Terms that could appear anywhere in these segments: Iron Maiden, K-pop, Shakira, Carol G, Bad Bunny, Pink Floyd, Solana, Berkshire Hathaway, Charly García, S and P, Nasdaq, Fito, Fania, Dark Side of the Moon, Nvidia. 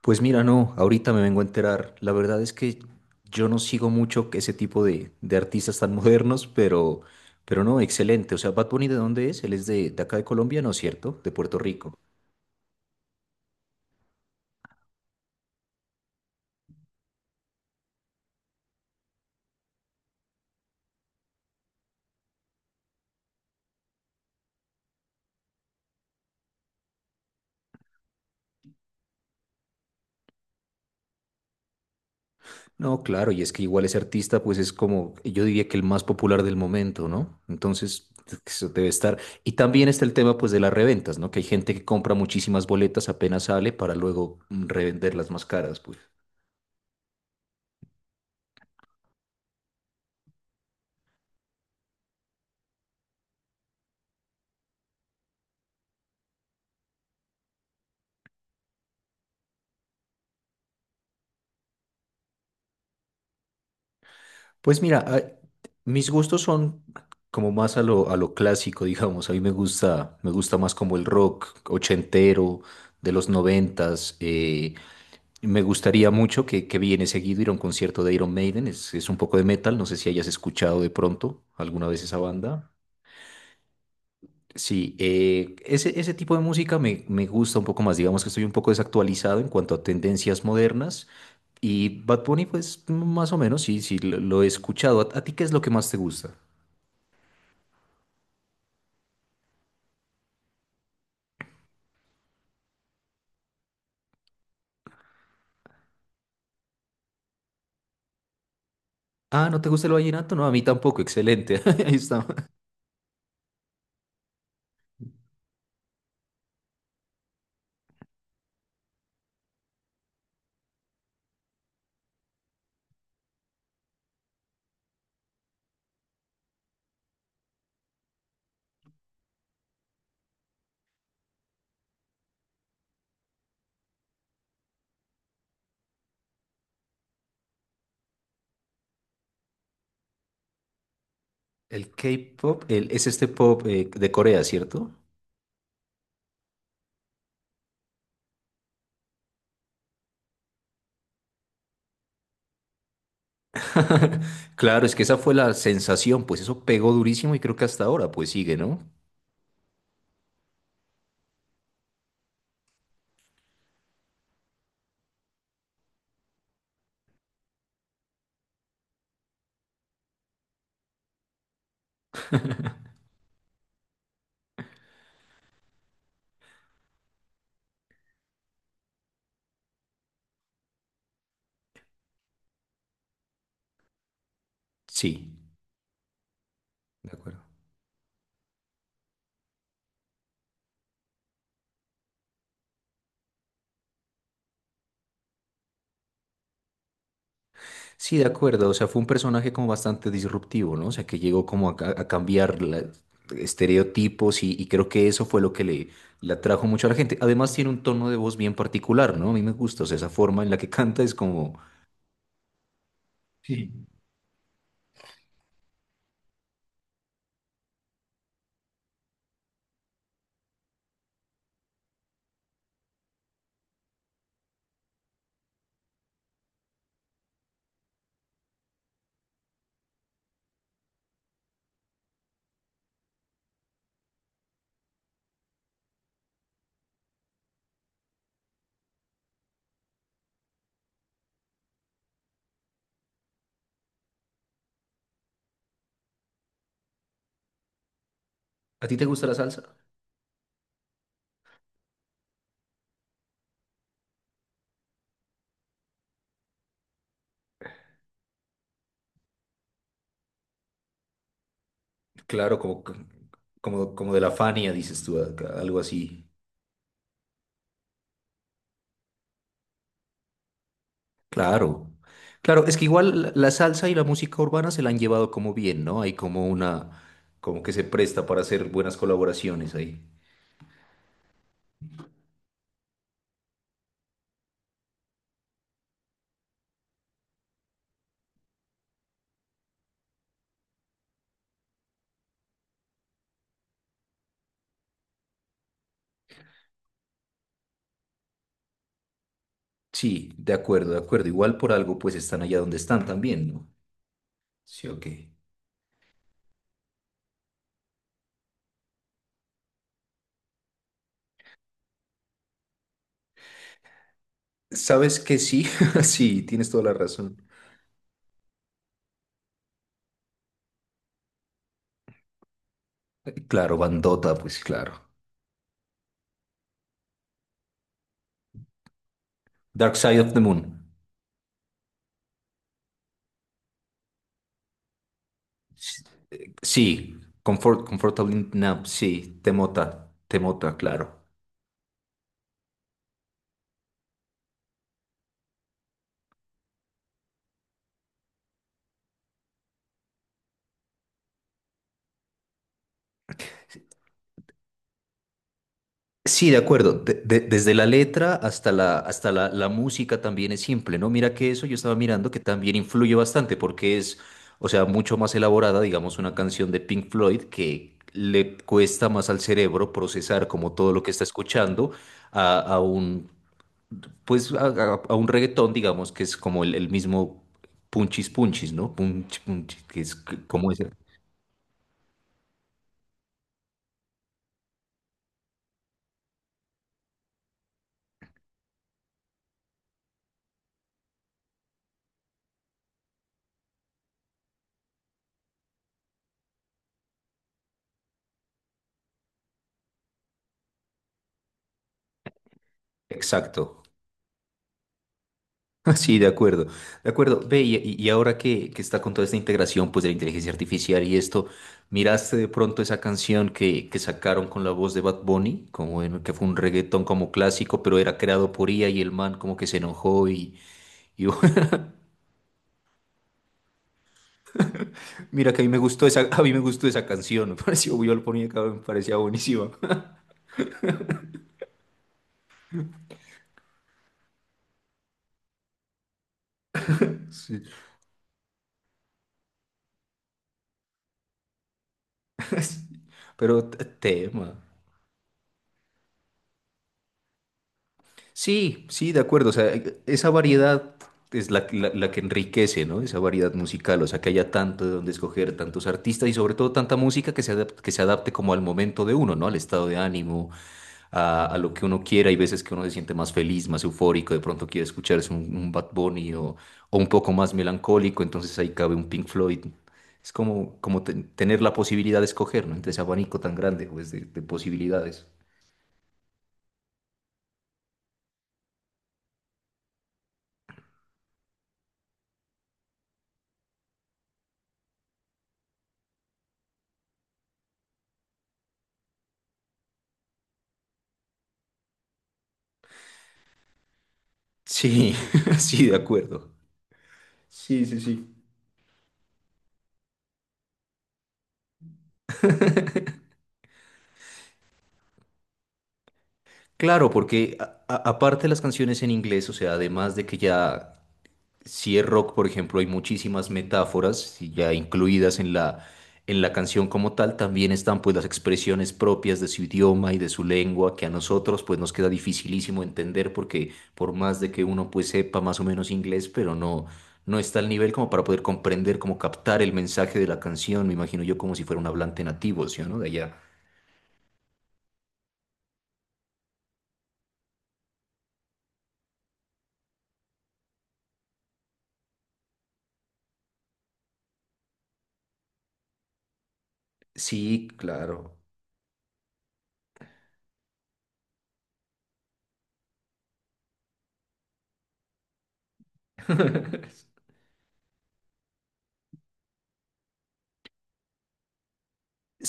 Pues mira, no, ahorita me vengo a enterar. La verdad es que yo no sigo mucho que ese tipo de artistas tan modernos, pero no, excelente. O sea, Bad Bunny, ¿de dónde es? Él es de acá de Colombia, ¿no es cierto? De Puerto Rico. No, claro, y es que igual ese artista, pues es como, yo diría que el más popular del momento, ¿no? Entonces, eso debe estar. Y también está el tema, pues, de las reventas, ¿no? Que hay gente que compra muchísimas boletas apenas sale para luego revenderlas más caras, pues. Pues mira, mis gustos son como más a lo clásico, digamos. A mí me gusta más como el rock ochentero de los noventas. Me gustaría mucho que viene seguido ir a un concierto de Iron Maiden. Es un poco de metal. No sé si hayas escuchado de pronto alguna vez esa banda. Sí, ese tipo de música me gusta un poco más. Digamos que estoy un poco desactualizado en cuanto a tendencias modernas. Y Bad Bunny, pues más o menos, sí, lo he escuchado. A ti qué es lo que más te gusta? Ah, ¿no te gusta el vallenato? No, a mí tampoco, excelente. Ahí está. El K-pop, es este pop de Corea, ¿cierto? Claro, es que esa fue la sensación, pues eso pegó durísimo y creo que hasta ahora pues sigue, ¿no? Sí, de acuerdo. Sí, de acuerdo, o sea, fue un personaje como bastante disruptivo, ¿no? O sea, que llegó como a cambiar estereotipos y creo que eso fue lo que le atrajo mucho a la gente. Además tiene un tono de voz bien particular, ¿no? A mí me gusta, o sea, esa forma en la que canta es como... Sí. ¿A ti te gusta la salsa? Claro, como de la Fania, dices tú, algo así. Claro. Claro, es que igual la la salsa y la música urbana se la han llevado como bien, ¿no? Hay como una, como que se presta para hacer buenas colaboraciones ahí. Sí, de acuerdo, de acuerdo. Igual por algo pues están allá donde están también, ¿no? Sí, ok. ¿Sabes que sí? Sí, tienes toda la razón. Claro, Bandota, pues claro. Dark Side of the Moon. Sí, Comfort, Comfortable Nap, sí, Temota, Temota, claro. Sí, de acuerdo. Desde la letra hasta la música también es simple, ¿no? Mira que eso yo estaba mirando que también influye bastante porque es, o sea, mucho más elaborada, digamos, una canción de Pink Floyd que le cuesta más al cerebro procesar como todo lo que está escuchando a un, pues, a un reggaetón, digamos, que es como el mismo punchis punchis, ¿no? Punch, punchis, que es como ese. Exacto. Sí, de acuerdo, de acuerdo. Ve, y ahora que está con toda esta integración pues, de la inteligencia artificial y esto, ¿miraste de pronto esa canción que sacaron con la voz de Bad Bunny? Como que fue un reggaetón como clásico, pero era creado por IA y el man como que se enojó y mira que a mí me gustó esa, a mí me gustó esa canción, me pareció, yo lo ponía acá, me parecía buenísima. Sí. Pero tema. Sí, sí, de acuerdo. O sea, esa variedad es la, la que enriquece, ¿no? Esa variedad musical, o sea, que haya tanto de donde escoger, tantos artistas y sobre todo tanta música que se adapte como al momento de uno, ¿no? Al estado de ánimo, a lo que uno quiera. Hay veces que uno se siente más feliz, más eufórico, de pronto quiere escucharse un Bad Bunny o un poco más melancólico, entonces ahí cabe un Pink Floyd. Es como, como tener la posibilidad de escoger, ¿no? Entre ese abanico tan grande, pues, de posibilidades. Sí, sí, de acuerdo. Sí, sí, sí. Claro, porque aparte de las canciones en inglés, o sea, además de que ya si es rock, por ejemplo, hay muchísimas metáforas y ya incluidas en la canción como tal, también están pues las expresiones propias de su idioma y de su lengua que a nosotros pues nos queda dificilísimo entender porque por más de que uno pues sepa más o menos inglés, pero no no está al nivel como para poder comprender, como captar el mensaje de la canción, me imagino yo como si fuera un hablante nativo, ¿sí o no? De allá. Sí, claro.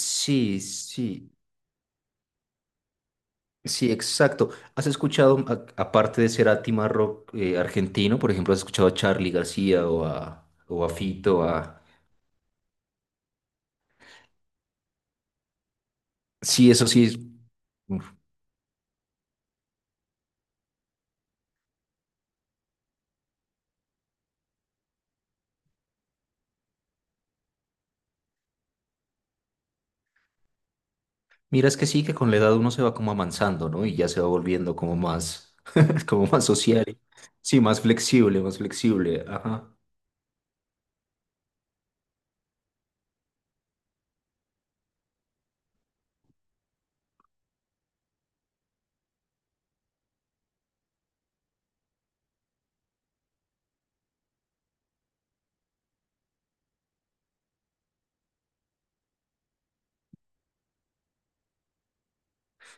Sí, sí, sí, exacto. ¿Has escuchado, aparte de ser a rock argentino, por ejemplo, has escuchado a Charly García o a Fito? A... Sí, eso sí. Uf. Mira, es que sí, que con la edad uno se va como amansando, ¿no? Y ya se va volviendo como más, como más social. Sí, más flexible, más flexible. Ajá.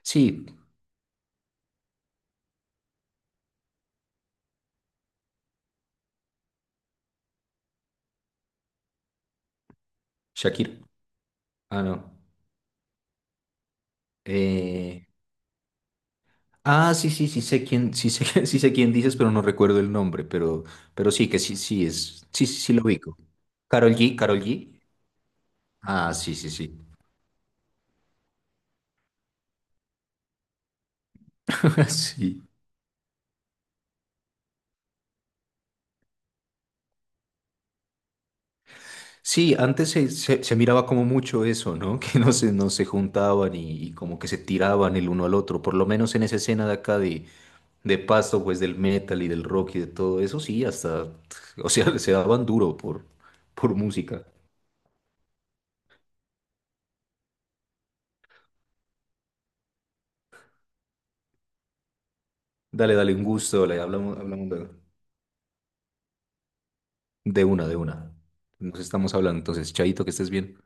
Sí, Shakira. Ah, no. eh, Ah, sí, sí, sí sé quién, sí sé, sí sé quién dices, pero no recuerdo el nombre, pero sí, que sí, sí es, sí, sí, sí lo ubico. Carol G, Carol G. Ah, sí, sí, sí. Sí. Sí, antes se, se miraba como mucho eso, ¿no? Que no se, no se juntaban y como que se tiraban el uno al otro, por lo menos en esa escena de acá de Pasto, pues del metal y del rock y de todo eso, sí, hasta, o sea, se daban duro por música. Dale, dale, un gusto, le hablamos, hablamos luego. De una, de una. Nos estamos hablando. Entonces, Chaito, que estés bien.